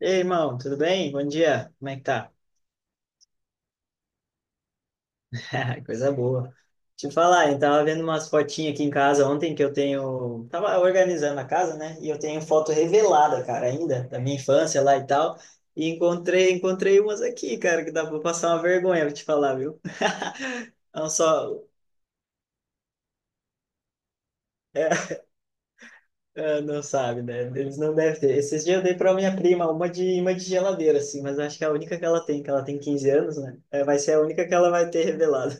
Ei, aí, irmão, tudo bem? Bom dia, como é que tá? Coisa boa. Te falar, eu tava vendo umas fotinhas aqui em casa ontem que eu tenho. Tava organizando a casa, né? E eu tenho foto revelada, cara, ainda, da minha infância lá e tal. E encontrei umas aqui, cara, que dá pra passar uma vergonha, vou te falar, viu? Não só. É. Ah, não sabe, né? Eles não devem ter. Esses dias eu dei para minha prima uma de geladeira, assim, mas acho que é a única que ela tem 15 anos, né? É, vai ser a única que ela vai ter revelado.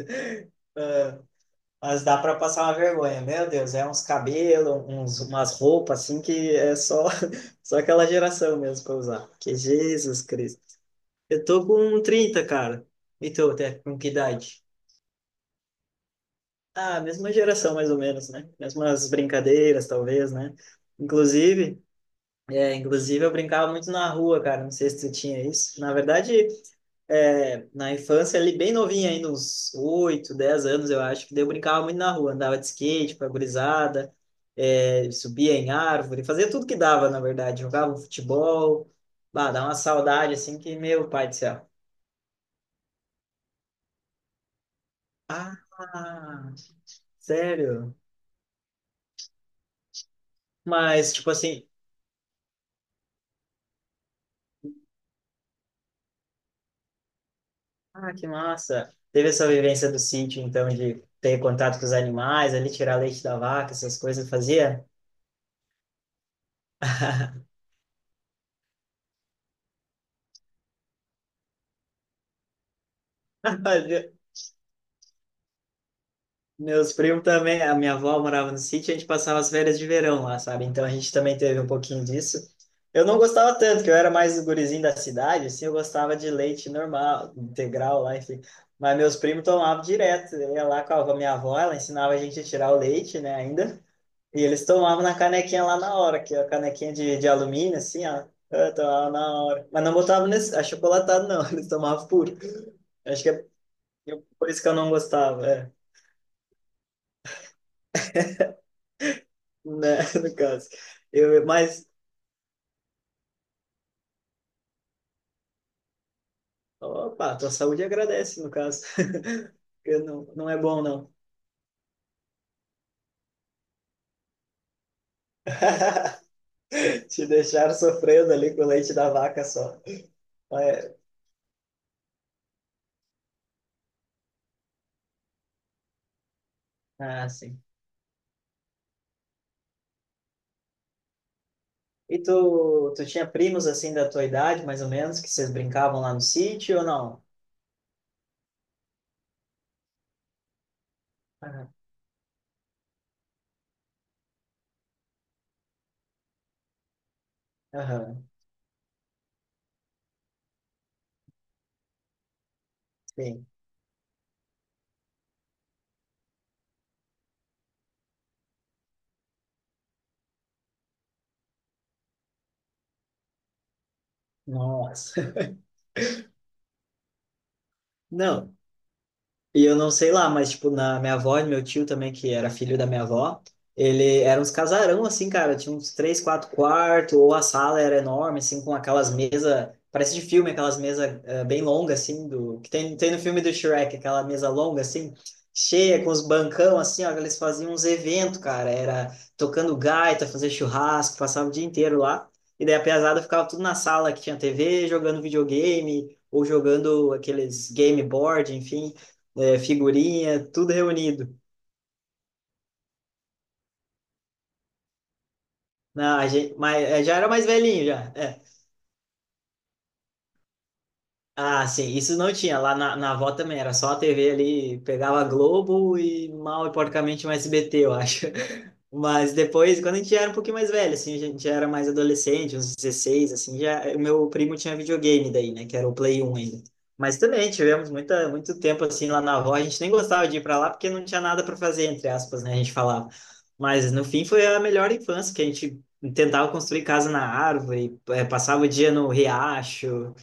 Mas dá para passar uma vergonha, meu Deus, é uns cabelos, uns, umas roupas assim que é só, só aquela geração mesmo para usar. Que Jesus Cristo. Eu tô com trinta, cara. E tu, até com que idade? Ah, mesma geração mais ou menos, né? Mesmas brincadeiras, talvez, né? Inclusive, inclusive, eu brincava muito na rua, cara. Não sei se tu tinha isso. Na verdade, na infância, ali bem novinha, ainda uns 8 10 anos, eu acho, que daí eu brincava muito na rua, andava de skate com a gurizada, subia em árvore, fazia tudo que dava, na verdade, jogava um futebol, bah, dá uma saudade, assim, que, meu pai do céu. Ah, sério? Mas, tipo assim, ah, que massa. Teve essa vivência do sítio, então, de ter contato com os animais, ali tirar leite da vaca, essas coisas, fazia? Meus primos também, a minha avó morava no sítio, a gente passava as férias de verão lá, sabe? Então a gente também teve um pouquinho disso. Eu não gostava tanto, que eu era mais o gurizinho da cidade, assim, eu gostava de leite normal, integral lá, enfim. Mas meus primos tomavam direto, eu ia lá com a minha avó, ela ensinava a gente a tirar o leite, né, ainda. E eles tomavam na canequinha lá na hora, que é a canequinha de alumínio, assim, ó. Eu tomava na hora. Mas não botavam nesse achocolatado, não, eles tomavam puro. Acho que é por isso que eu não gostava. É. Né, no caso. Eu, mas, opa, tua saúde agradece, no caso. Porque não, não é bom, não. Te deixaram sofrendo ali com o leite da vaca só. É, ah, sim. E tu, tu tinha primos assim da tua idade, mais ou menos, que vocês brincavam lá no sítio ou não? Aham, aham, sim. Nossa. Não, e eu não sei lá, mas, tipo, na minha avó e meu tio também, que era filho da minha avó, ele era uns casarão, assim, cara, tinha uns três, quatro quartos, ou a sala era enorme, assim, com aquelas mesas, parece de filme, aquelas mesas bem longas, assim, do, que tem no filme do Shrek, aquela mesa longa, assim, cheia, com os bancão, assim, ó, que eles faziam uns eventos, cara, era tocando gaita, fazer churrasco, passava o dia inteiro lá, e daí a pesada ficava tudo na sala, que tinha TV, jogando videogame, ou jogando aqueles game board, enfim, é, figurinha, tudo reunido. Não, a gente, mas é, já era mais velhinho, já. É. Ah, sim, isso não tinha. Lá na avó também era só a TV ali, pegava Globo e mal e porcamente um SBT, eu acho. Mas depois, quando a gente era um pouquinho mais velho, assim, a gente já era mais adolescente, uns 16, assim, já o meu primo tinha videogame daí, né, que era o Play 1 ainda. Mas também tivemos muito tempo assim lá na avó, a gente nem gostava de ir para lá porque não tinha nada para fazer, entre aspas, né, a gente falava. Mas no fim foi a melhor infância, que a gente tentava construir casa na árvore, passava o dia no riacho,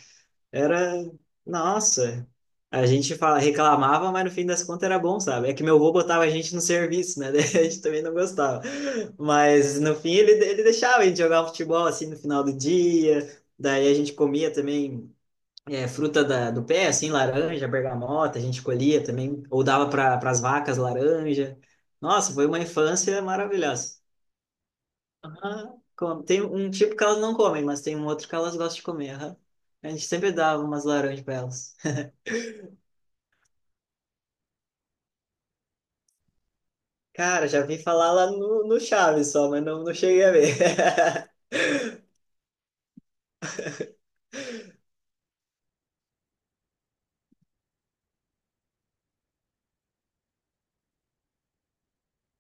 era, nossa, a gente fala, reclamava, mas no fim das contas era bom, sabe? É que meu avô botava a gente no serviço, né? Daí a gente também não gostava. Mas no fim ele deixava a gente jogar futebol assim no final do dia. Daí a gente comia também fruta da, do pé, assim, laranja, bergamota, a gente colhia também, ou dava para as vacas laranja. Nossa, foi uma infância maravilhosa. Aham, come. Tem um tipo que elas não comem, mas tem um outro que elas gostam de comer. Aham. A gente sempre dava umas laranjas para elas. Cara, já vi falar lá no Chaves só, mas não, não cheguei a ver.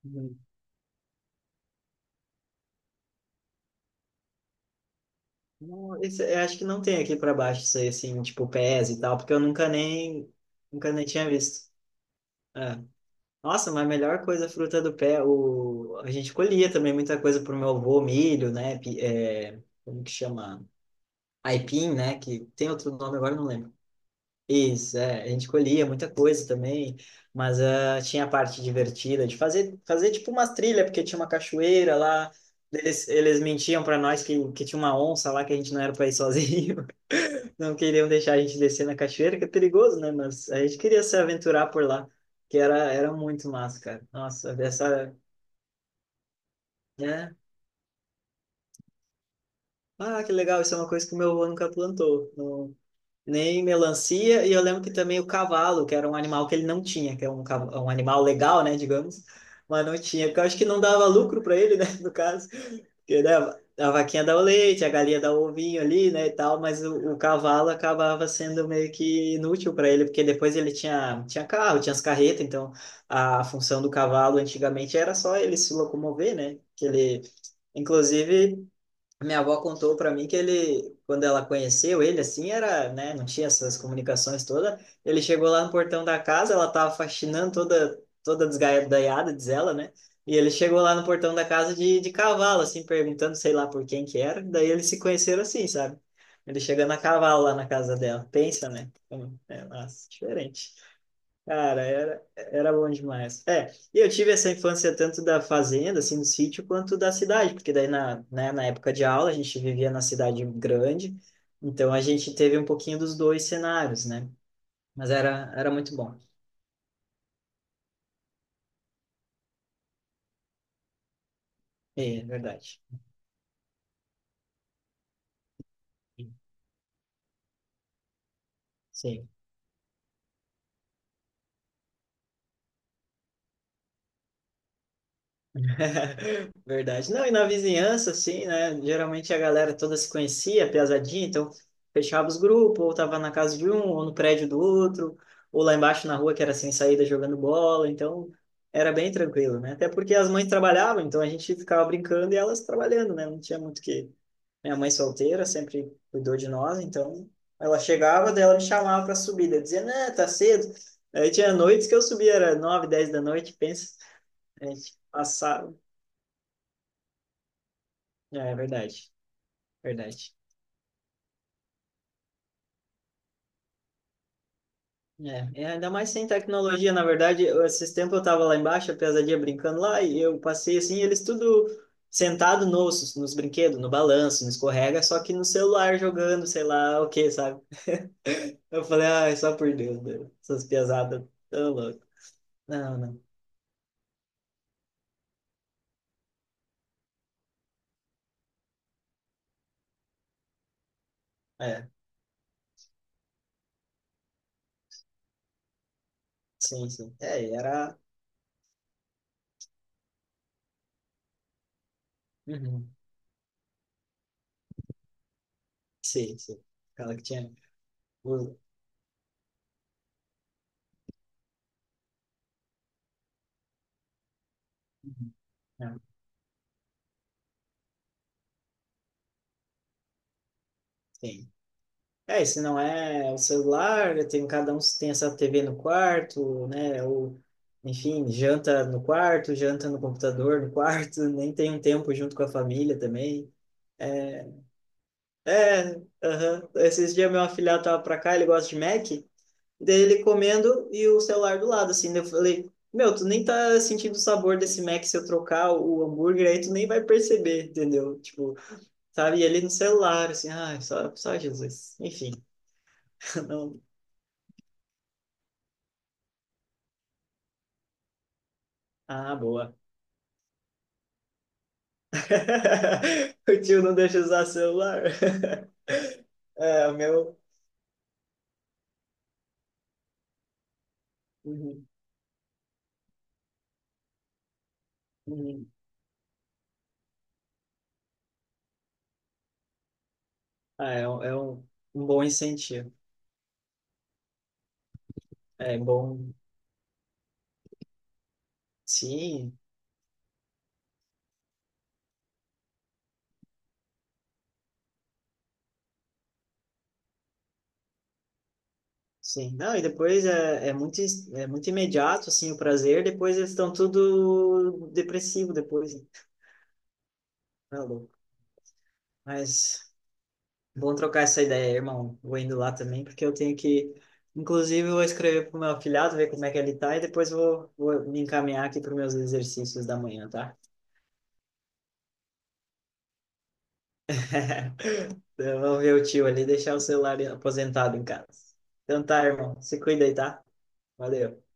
Hum. Não, esse- eu acho que não tem aqui para baixo isso aí, assim, tipo pés e tal, porque eu nunca nem, nunca nem tinha visto. É. Nossa, mas a melhor coisa, a fruta do pé, o... a gente colhia também muita coisa pro meu avô, milho, né? Como que chama? Aipim, né? Que tem outro nome agora, eu não lembro. Isso, é, a gente colhia muita coisa também, mas ah, tinha a parte divertida de fazer tipo umas trilhas, porque tinha uma cachoeira lá, eles mentiam para nós que, tinha uma onça lá, que a gente não era para ir sozinho, não queriam deixar a gente descer na cachoeira, que é perigoso, né? Mas a gente queria se aventurar por lá, que era muito massa, cara. Nossa, essa, né? Ah, que legal, isso é uma coisa que o meu avô nunca plantou, nem melancia, e eu lembro que também o cavalo, que era um animal que ele não tinha, que é um animal legal, né, digamos, mas não tinha, porque eu acho que não dava lucro para ele, né, no caso, porque, né, a vaquinha dá o leite, a galinha dá o ovinho ali, né, e tal, mas o cavalo acabava sendo meio que inútil para ele, porque depois ele tinha, tinha carro, tinha as carretas, então a função do cavalo antigamente era só ele se locomover, né, que ele, inclusive. Minha avó contou para mim que ele, quando ela conheceu ele, assim, era, né, não tinha essas comunicações toda. Ele chegou lá no portão da casa, ela tava faxinando toda, toda desgaiada, diz ela, né? E ele chegou lá no portão da casa de cavalo, assim, perguntando, sei lá por quem que era. Daí eles se conheceram assim, sabe? Ele chegando a cavalo lá na casa dela. Pensa, né? É, nossa, diferente. Cara, era bom demais. É, e eu tive essa infância tanto da fazenda, assim, do sítio, quanto da cidade, porque daí na, né, na época de aula a gente vivia na cidade grande, então a gente teve um pouquinho dos dois cenários, né? Mas era muito bom. É, é verdade. Sim. Verdade. Não, e na vizinhança, assim, né? Geralmente a galera toda se conhecia, piazadinha, então fechava os grupos, ou tava na casa de um, ou no prédio do outro, ou lá embaixo na rua que era sem saída jogando bola, então era bem tranquilo, né? Até porque as mães trabalhavam, então a gente ficava brincando e elas trabalhando, né? Não tinha muito o que. Minha mãe solteira sempre cuidou de nós, então ela chegava, daí ela me chamava pra subida, dizia, né, tá cedo. Aí tinha noites que eu subia, era 9, 10 da noite, pensa. A gente passava, é verdade, verdade. É, é, ainda mais sem tecnologia, na verdade, eu- esses tempos eu tava lá embaixo, a pesadinha brincando lá, e eu passei assim, eles tudo sentado nos brinquedos, no balanço, no escorrega, só que no celular jogando, sei lá o que, sabe? Eu falei, ai, só por Deus, meu, essas pesadas tão loucas. Não, não, é, sim, sim. É, e era, uhum. Sim, sim, aquela que tinha... Uhum. Não, sim. É, se não é o celular, tem, cada um tem essa TV no quarto, né? Ou, enfim, janta no quarto, janta no computador no quarto, nem tem um tempo junto com a família também. É, é, aham. Esses dias meu afilhado tava pra cá, ele gosta de Mac, daí ele comendo e o celular do lado, assim, daí eu falei, meu, tu nem tá sentindo o sabor desse Mac se eu trocar o hambúrguer aí, tu nem vai perceber, entendeu? Tipo, sabe, e ele no celular, assim, ai, só, só Jesus. Enfim, não... Ah, boa. O tio não deixa usar celular. É, o meu. Uhum, uhum. Ah, é um bom incentivo. É bom. Sim, sim. Não, e depois é muito, é muito imediato, assim, o prazer. Depois eles estão tudo depressivo depois. Né? Tá louco. Mas bom trocar essa ideia, irmão. Vou indo lá também, porque eu tenho que. Inclusive, eu vou escrever pro meu afilhado, ver como é que ele tá, e depois vou me encaminhar aqui para meus exercícios da manhã, tá? Então, vamos ver o tio ali deixar o celular aposentado em casa. Então tá, irmão. Se cuida aí, tá? Valeu.